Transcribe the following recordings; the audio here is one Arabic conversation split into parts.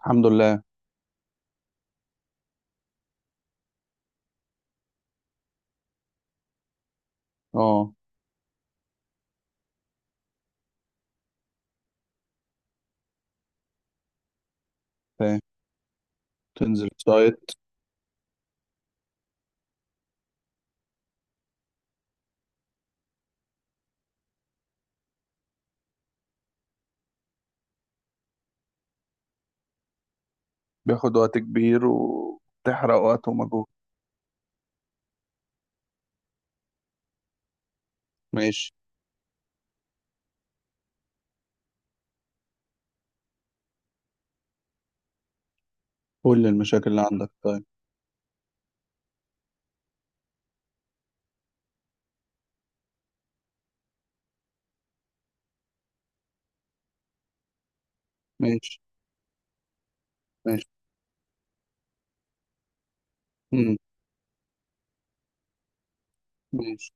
الحمد لله. اه، فاهم. تنزل سايت. بياخد وقت كبير وتحرق وقت ومجهود. ماشي، كل المشاكل اللي عندك؟ طيب. ماشي. ماشي. مم. ماشي.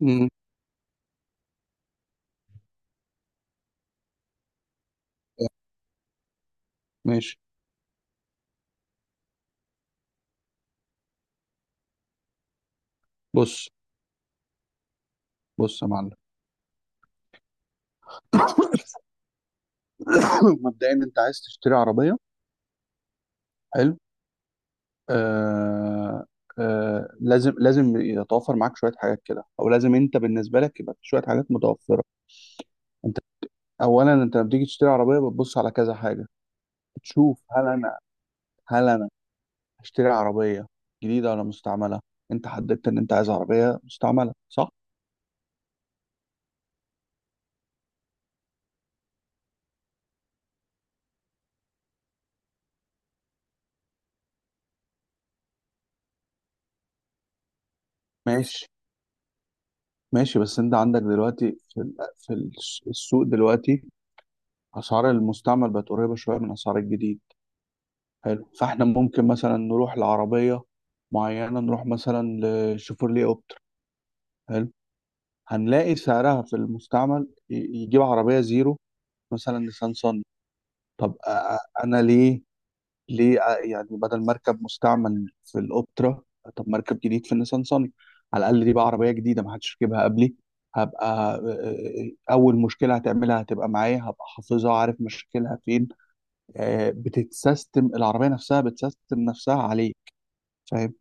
مم. طيب. ماشي. بص، بص يا معلم. مبدئيا انت عايز تشتري عربية. حلو. آه. آه، لازم يتوفر معاك شوية حاجات كده، او لازم انت بالنسبة لك يبقى في شوية حاجات متوفرة. انت اولا انت لما بتيجي تشتري عربية بتبص على كذا حاجة. بتشوف هل انا هشتري عربية جديدة ولا مستعملة. انت حددت ان انت عايز عربية مستعملة، صح؟ ماشي. ماشي، بس انت عندك دلوقتي في السوق دلوقتي اسعار المستعمل بقت قريبة شوية من اسعار الجديد. حلو، فاحنا ممكن مثلا نروح لعربية معينة، نروح مثلا لشيفورلي اوبتر. حلو، هنلاقي سعرها في المستعمل يجيب عربية زيرو مثلا نيسان صني. طب انا ليه؟ ليه يعني بدل مركب مستعمل في الاوبترا، طب مركب جديد في النيسان صني؟ على الاقل دي بقى عربيه جديده ما حدش ركبها قبلي. هبقى اول مشكله هتعملها هتبقى معايا، هبقى حافظها عارف مشكلها فين. بتتسيستم العربيه نفسها، بتسيستم نفسها عليك، فاهم؟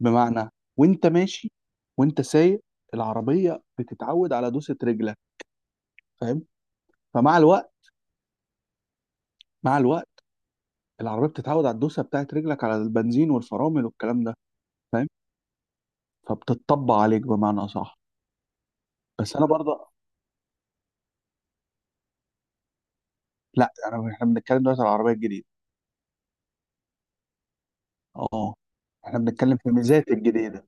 بمعنى، وانت ماشي، وانت سايق، العربيه بتتعود على دوسه رجلك، فاهم؟ فمع الوقت، مع الوقت، العربيه بتتعود على الدوسه بتاعت رجلك، على البنزين والفرامل والكلام ده، فاهم؟ فبتطبق عليك بمعنى اصح. بس انا برضه، لا يعني احنا بنتكلم دلوقتي على العربيه الجديده. اه، احنا بنتكلم في ميزات الجديده.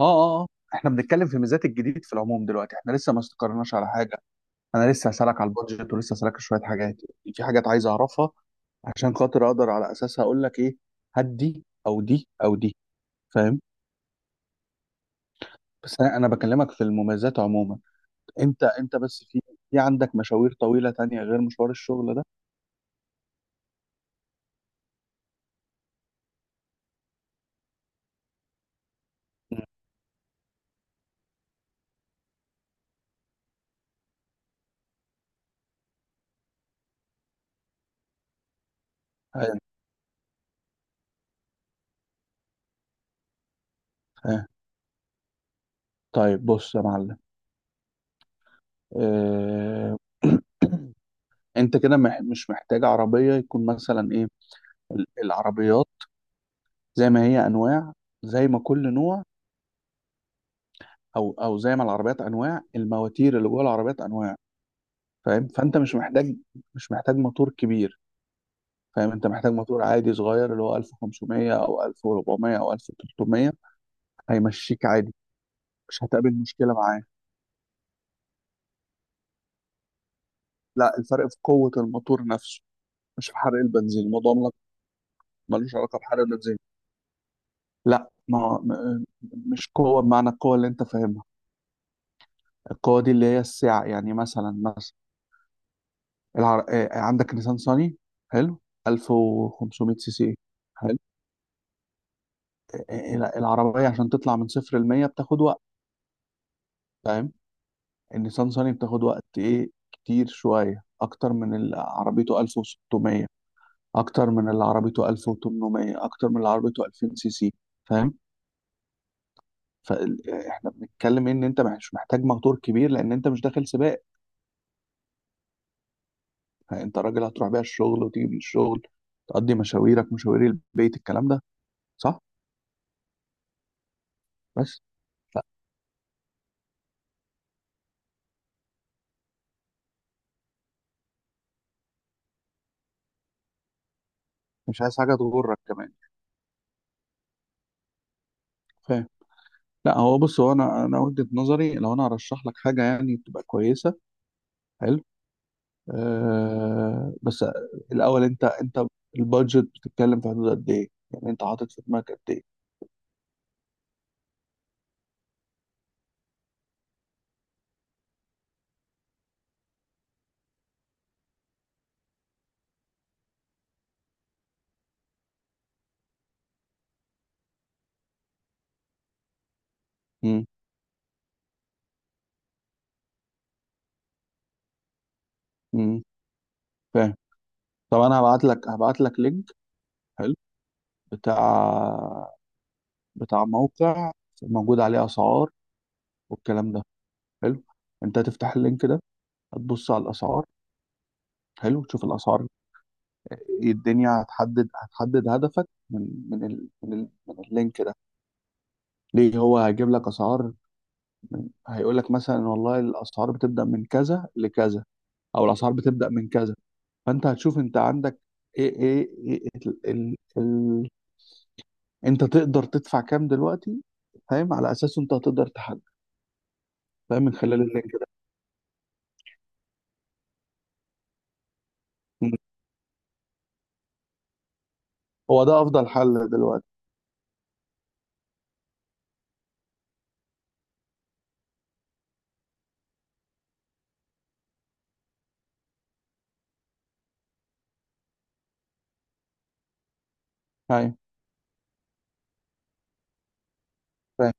اه، اه. آه، احنا بنتكلم في ميزات الجديد في العموم، دلوقتي احنا لسه ما استقرناش على حاجه. انا لسه هسالك على البادجت، ولسه هسالك شويه حاجات. في حاجات عايز اعرفها عشان خاطر اقدر على اساسها اقول لك ايه، هات دي او دي او دي، فاهم؟ بس انا بكلمك في المميزات عموما. انت بس في، في عندك مشاوير طويله تانية غير مشوار الشغل ده؟ مم. أيوة. آه. طيب بص يا معلم. آه، انت كده مش محتاج عربية يكون مثلا ايه. العربيات زي ما هي انواع، زي ما كل نوع، او زي ما العربيات انواع، المواتير اللي جوه العربيات انواع، فاهم؟ فانت مش محتاج، مش محتاج موتور كبير، فاهم؟ انت محتاج موتور عادي صغير، اللي هو 1500 او 1400 او 1300، هيمشيك عادي. مش هتقابل مشكلة معاه. لا، الفرق في قوة الموتور نفسه، مش في حرق البنزين. الموضوع ملوش علاقة بحرق البنزين. لا، ما هو- م- مش قوة بمعنى القوة اللي انت فاهمها، القوة دي اللي هي السعة. يعني مثلا، مثلا العر... آه، عندك نيسان صاني، حلو، 1500 سي سي، حلو. آه، آه، العربية عشان تطلع من صفر ل 100 بتاخد وقت، فاهم؟ النيسان صاني بتاخد وقت ايه، كتير شوية اكتر من اللي عربيته 1600، اكتر من اللي عربيته 1800، اكتر من اللي عربيته 2000 سي سي، فاهم؟ فاحنا بنتكلم ان انت مش محتاج موتور كبير، لان انت مش داخل سباق. يعني انت راجل هتروح بيها الشغل وتيجي من الشغل، تقضي مشاويرك، مشاوير البيت، الكلام ده، صح؟ بس لا، مش عايز حاجه تغرك كمان، فاهم؟ لا هو بص، هو انا وجهه نظري لو انا هرشح لك حاجه يعني تبقى كويسه، حلو. آه بس الاول، انت البادجت بتتكلم في حدود قد ايه؟ يعني انت حاطط في دماغك قد ايه؟ امم. امم. فاهم. طب انا هبعت لك لينك، حلو، بتاع، بتاع موقع موجود عليه اسعار والكلام ده، حلو. انت هتفتح اللينك ده، هتبص على الاسعار، حلو، تشوف الاسعار إيه الدنيا، هتحدد، هتحدد هدفك من اللينك ده. ليه؟ هو هيجيب لك اسعار، هيقول لك مثلا والله الاسعار بتبدا من كذا لكذا، او الاسعار بتبدا من كذا. فانت هتشوف انت عندك ايه ايه, إيه ال ال ال انت تقدر تدفع كام دلوقتي، فاهم؟ على اساسه انت هتقدر تحدد، فاهم، من خلال اللينك ده. مم. هو ده افضل حل دلوقتي. ايوه. فاهم.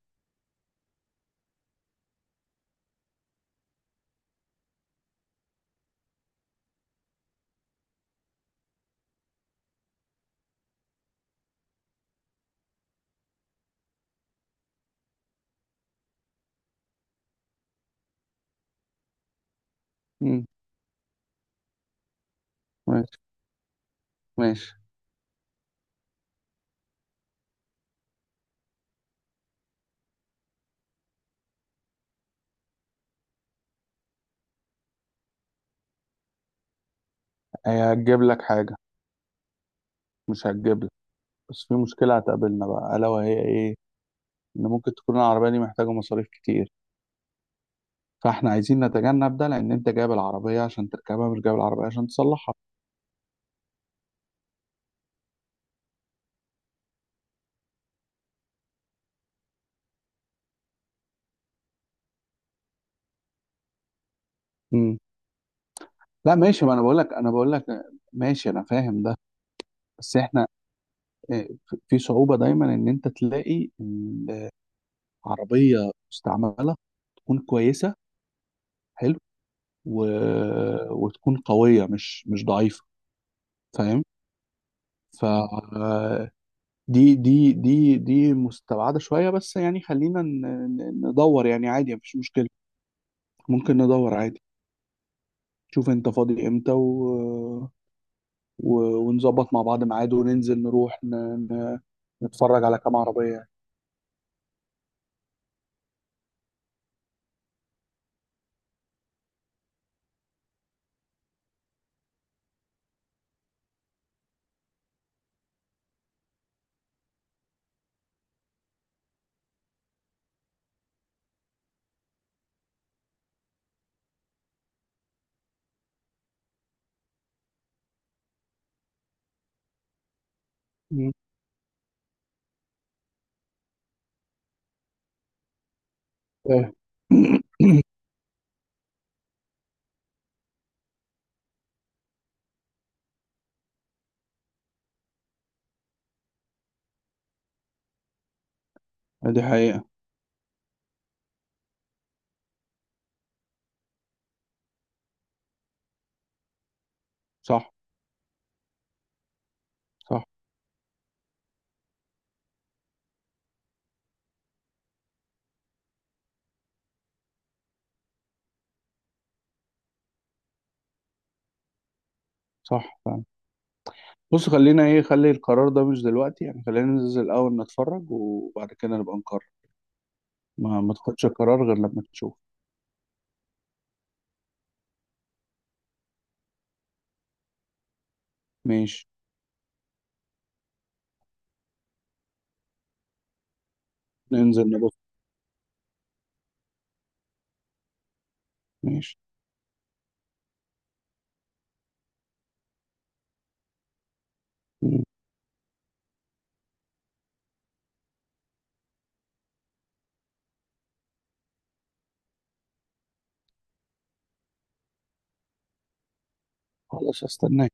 مم. ماشي. ماشي. هي هتجيب لك حاجه، مش هتجيب. بس في مشكلة هتقابلنا بقى، ألا وهي إيه؟ إن ممكن تكون العربية دي محتاجة مصاريف كتير، فإحنا عايزين نتجنب ده، لأن أنت جايب العربية عشان تركبها مش جايب العربية عشان تصلحها. مم. لا ماشي، ما أنا بقول لك، ماشي أنا فاهم ده. بس إحنا، آه، في صعوبة دايما إن أنت تلاقي إن عربية مستعملة تكون كويسة، حلو، و... وتكون قوية، مش ضعيفة، فاهم؟ ف، دي مستبعدة شوية، بس يعني خلينا ندور يعني، عادي مفيش مشكلة، ممكن ندور عادي. شوف انت فاضي امتى، و... و... ونظبط مع بعض ميعاد وننزل نروح ن... نتفرج على كام عربية يعني. مم. إيه. دي حقيقة. صح. صح. صح فعلا. بص خلينا ايه، خلي القرار ده مش دلوقتي يعني، خلينا ننزل الأول نتفرج وبعد كده نبقى نقرر. ما تاخدش قرار غير لما تشوف. ماشي. ننزل نبص. ماشي. مم. خلاص، استناك.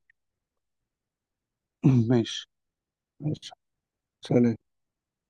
ماشي. ماشي. سلام.